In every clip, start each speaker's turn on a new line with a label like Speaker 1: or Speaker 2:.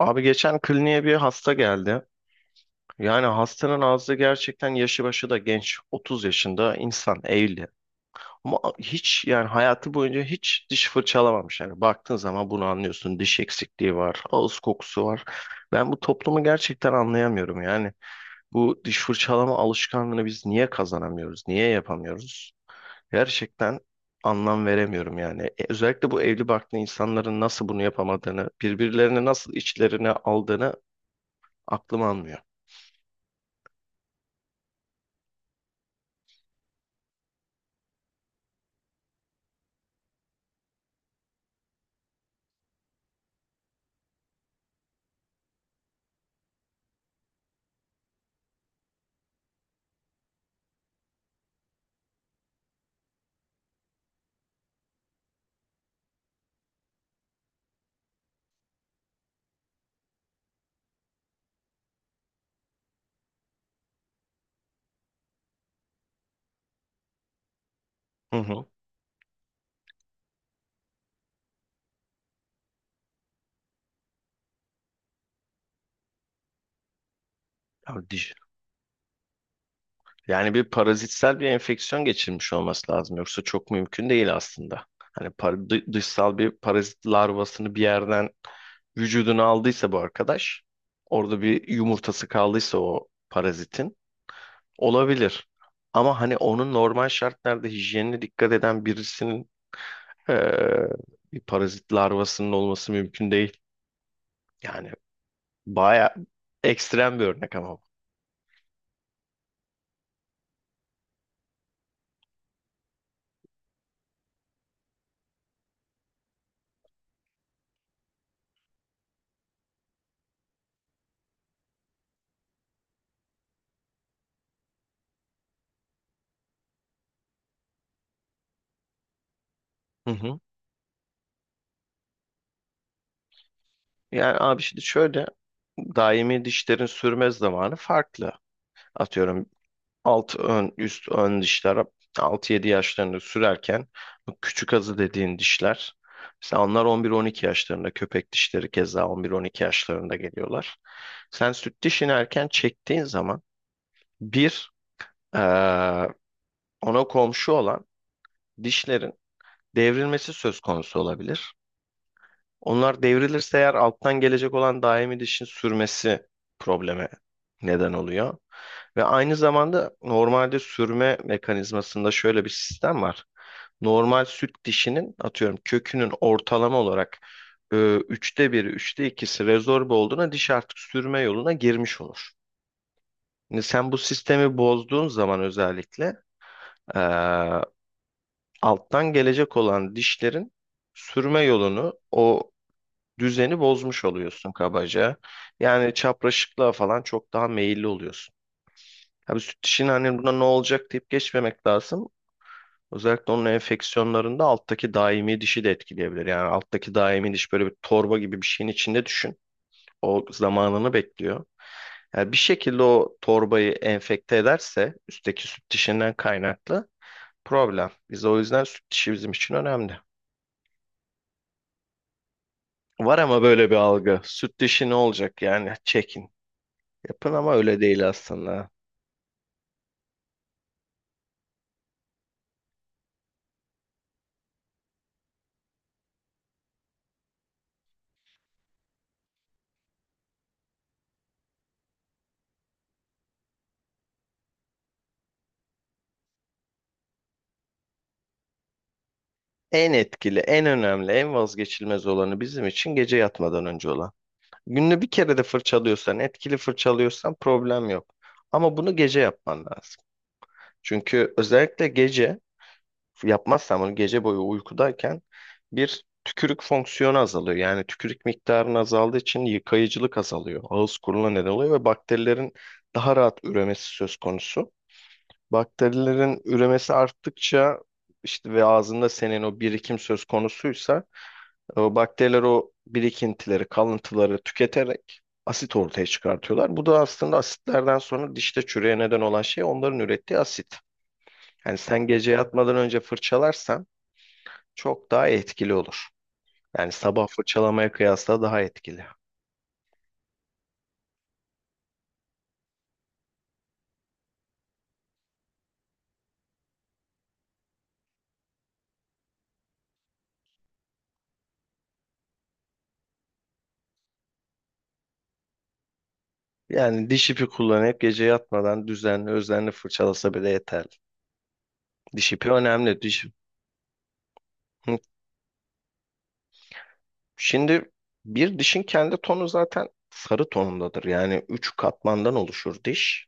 Speaker 1: Abi geçen kliniğe bir hasta geldi. Yani hastanın ağzı gerçekten yaşı başı da genç. 30 yaşında insan evli. Ama hiç yani hayatı boyunca hiç diş fırçalamamış. Yani baktığın zaman bunu anlıyorsun. Diş eksikliği var, ağız kokusu var. Ben bu toplumu gerçekten anlayamıyorum yani. Bu diş fırçalama alışkanlığını biz niye kazanamıyoruz? Niye yapamıyoruz? Gerçekten anlam veremiyorum yani. Özellikle bu evli barklı insanların nasıl bunu yapamadığını, birbirlerini nasıl içlerine aldığını aklım almıyor. Hı hı. Ya diş- Yani bir parazitsel bir enfeksiyon geçirmiş olması lazım. Yoksa çok mümkün değil aslında. Hani dışsal bir parazit larvasını bir yerden vücuduna aldıysa bu arkadaş, orada bir yumurtası kaldıysa o parazitin olabilir. Ama hani onun normal şartlarda hijyenine dikkat eden birisinin eee, bir parazit larvasının olması mümkün değil. Yani baya ekstrem bir örnek ama. Hı hı. Yani abi şimdi şöyle daimi dişlerin sürme zamanı farklı. Atıyorum alt ön üst ön dişler 6 yedi yaşlarında sürerken bu küçük azı dediğin dişler mesela onlar 11-12 yaşlarında, köpek dişleri keza 11-12 yaşlarında geliyorlar. Sen süt dişini erken çektiğin zaman bir eee, ona komşu olan dişlerin devrilmesi söz konusu olabilir. Onlar devrilirse eğer alttan gelecek olan daimi dişin sürmesi probleme neden oluyor. Ve aynı zamanda normalde sürme mekanizmasında şöyle bir sistem var. Normal süt dişinin atıyorum kökünün ortalama olarak üçte biri, üçte ikisi rezorbe olduğuna diş artık sürme yoluna girmiş olur. Şimdi sen bu sistemi bozduğun zaman özellikle e, alttan gelecek olan dişlerin sürme yolunu o düzeni bozmuş oluyorsun kabaca. Yani çapraşıklığa falan çok daha meyilli oluyorsun. Tabii süt dişinin hani buna ne olacak deyip geçmemek lazım. Özellikle onun enfeksiyonlarında alttaki daimi dişi de etkileyebilir. Yani alttaki daimi diş böyle bir torba gibi bir şeyin içinde düşün. O zamanını bekliyor. Yani bir şekilde o torbayı enfekte ederse üstteki süt dişinden kaynaklı problem. Biz o yüzden süt dişi bizim için önemli. Var ama böyle bir algı. Süt dişi ne olacak yani çekin. Yapın ama öyle değil aslında. En etkili, en önemli, en vazgeçilmez olanı bizim için gece yatmadan önce olan. Günde bir kere de fırçalıyorsan, etkili fırçalıyorsan problem yok. Ama bunu gece yapman lazım. Çünkü özellikle gece yapmazsan bunu gece boyu uykudayken bir tükürük fonksiyonu azalıyor. Yani tükürük miktarının azaldığı için yıkayıcılık azalıyor. Ağız kuruluğuna neden oluyor ve bakterilerin daha rahat üremesi söz konusu. Bakterilerin üremesi arttıkça işte ve ağzında senin o birikim söz konusuysa o bakteriler o birikintileri, kalıntıları tüketerek asit ortaya çıkartıyorlar. Bu da aslında asitlerden sonra dişte çürüye neden olan şey onların ürettiği asit. Yani sen gece yatmadan önce fırçalarsan çok daha etkili olur. Yani sabah fırçalamaya kıyasla daha etkili. Yani diş ipi kullanıp gece yatmadan düzenli özenli fırçalasa bile yeterli. Diş ipi önemli. Diş... Hı. Şimdi bir dişin kendi tonu zaten sarı tonundadır. Yani üç katmandan oluşur diş.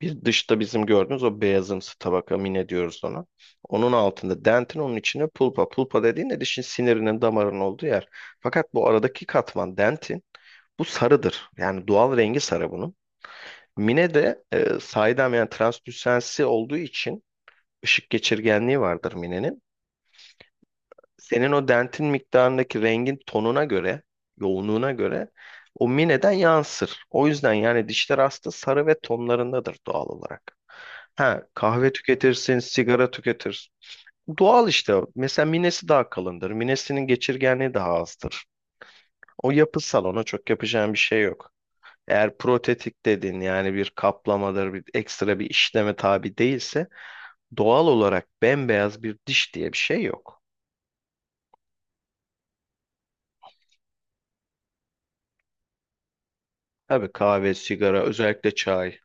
Speaker 1: Bir dışta bizim gördüğümüz o beyazımsı tabaka mine diyoruz ona. Onun altında dentin, onun içine pulpa. Pulpa dediğin de dişin sinirinin damarının olduğu yer. Fakat bu aradaki katman dentin bu sarıdır. Yani doğal rengi sarı bunun. Mine de saydam, yani translüsensi olduğu için ışık geçirgenliği vardır minenin. Senin o dentin miktarındaki rengin tonuna göre, yoğunluğuna göre o mineden yansır. O yüzden yani dişler aslında sarı ve tonlarındadır doğal olarak. Ha, kahve tüketirsin, sigara tüketirsin. Doğal işte. Mesela minesi daha kalındır. Minesinin geçirgenliği daha azdır. O yapısal, ona çok yapacağın bir şey yok. Eğer protetik dedin, yani bir kaplamadır, bir ekstra bir işleme tabi değilse doğal olarak bembeyaz bir diş diye bir şey yok. Tabii kahve, sigara, özellikle çay.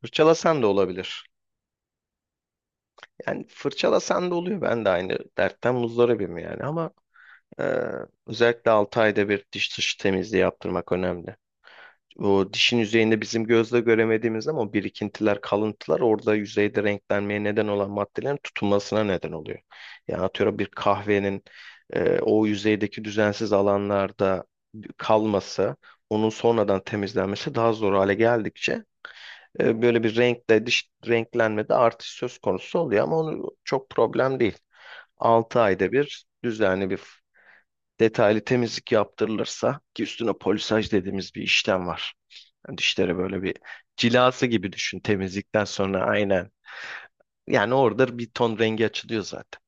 Speaker 1: Fırçalasan da olabilir. Yani fırçalasan da oluyor. Ben de aynı dertten muzdaribim yani. Ama e, özellikle 6 ayda bir diş dışı temizliği yaptırmak önemli. O dişin yüzeyinde bizim gözle göremediğimiz ama o birikintiler, kalıntılar orada yüzeyde renklenmeye neden olan maddelerin tutunmasına neden oluyor. Yani atıyorum bir kahvenin o yüzeydeki düzensiz alanlarda kalması, onun sonradan temizlenmesi daha zor hale geldikçe E, böyle bir renkle dış renklenmede artış söz konusu oluyor, ama onu çok problem değil. Altı ayda bir düzenli bir detaylı temizlik yaptırılırsa ki üstüne polisaj dediğimiz bir işlem var. Yani dişlere böyle bir cilası gibi düşün temizlikten sonra, aynen. Yani orada bir ton rengi açılıyor zaten.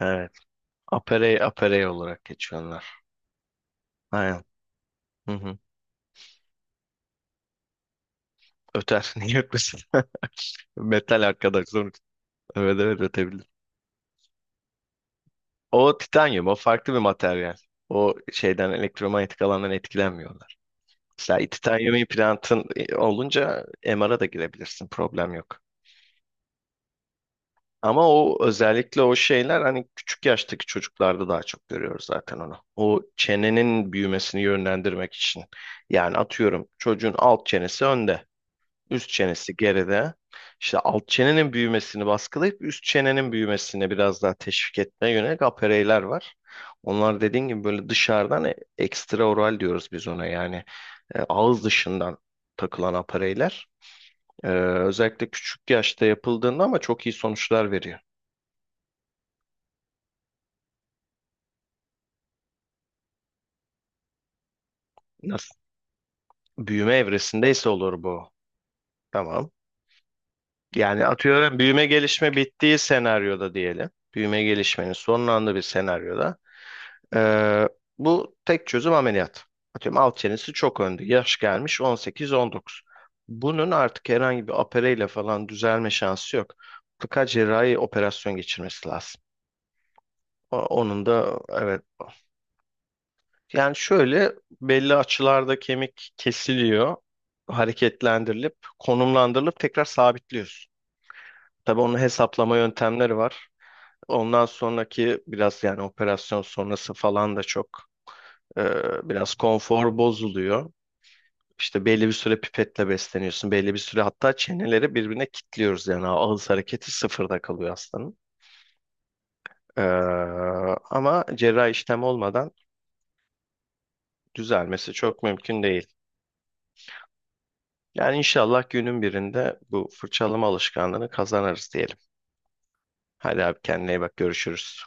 Speaker 1: Evet. Aperey, aperey olarak geçiyorlar. Aynen. Hı hı. Öter. Niye ötmesin? Metal arkadaş sonuç. Evet, evet, ötebilir. O titanyum, o farklı bir materyal. O şeyden, elektromanyetik alandan etkilenmiyorlar. Mesela titanyum implantın olunca MR'a da girebilirsin, problem yok. Ama o özellikle o şeyler hani küçük yaştaki çocuklarda daha çok görüyoruz zaten onu. O çenenin büyümesini yönlendirmek için. Yani atıyorum çocuğun alt çenesi önde. Üst çenesi geride. İşte alt çenenin büyümesini baskılayıp üst çenenin büyümesine biraz daha teşvik etmeye yönelik apereyler var. Onlar dediğin gibi böyle dışarıdan ekstraoral diyoruz biz ona, yani ağız dışından takılan apereyler, E, özellikle küçük yaşta yapıldığında ama çok iyi sonuçlar veriyor. Nasıl? Büyüme evresindeyse olur bu. Tamam. Yani atıyorum büyüme gelişme bittiği senaryoda diyelim. Büyüme gelişmenin sonlandığı bir senaryoda Ee, bu tek çözüm ameliyat. Atıyorum alt çenesi çok önde. Yaş gelmiş 18-19. Bunun artık herhangi bir opereyle falan düzelme şansı yok. Mutlaka cerrahi operasyon geçirmesi lazım. Onun da evet. Yani şöyle, belli açılarda kemik kesiliyor. Hareketlendirilip, konumlandırılıp tekrar sabitliyorsun. Tabii onun hesaplama yöntemleri var. Ondan sonraki biraz yani operasyon sonrası falan da çok e, biraz konfor bozuluyor. İşte belli bir süre pipetle besleniyorsun. Belli bir süre hatta çeneleri birbirine kilitliyoruz. Yani ağız hareketi sıfırda kalıyor hastanın. Ee, ama cerrahi işlem olmadan düzelmesi çok mümkün değil. Yani inşallah günün birinde bu fırçalama alışkanlığını kazanırız diyelim. Hadi abi kendine iyi bak, görüşürüz.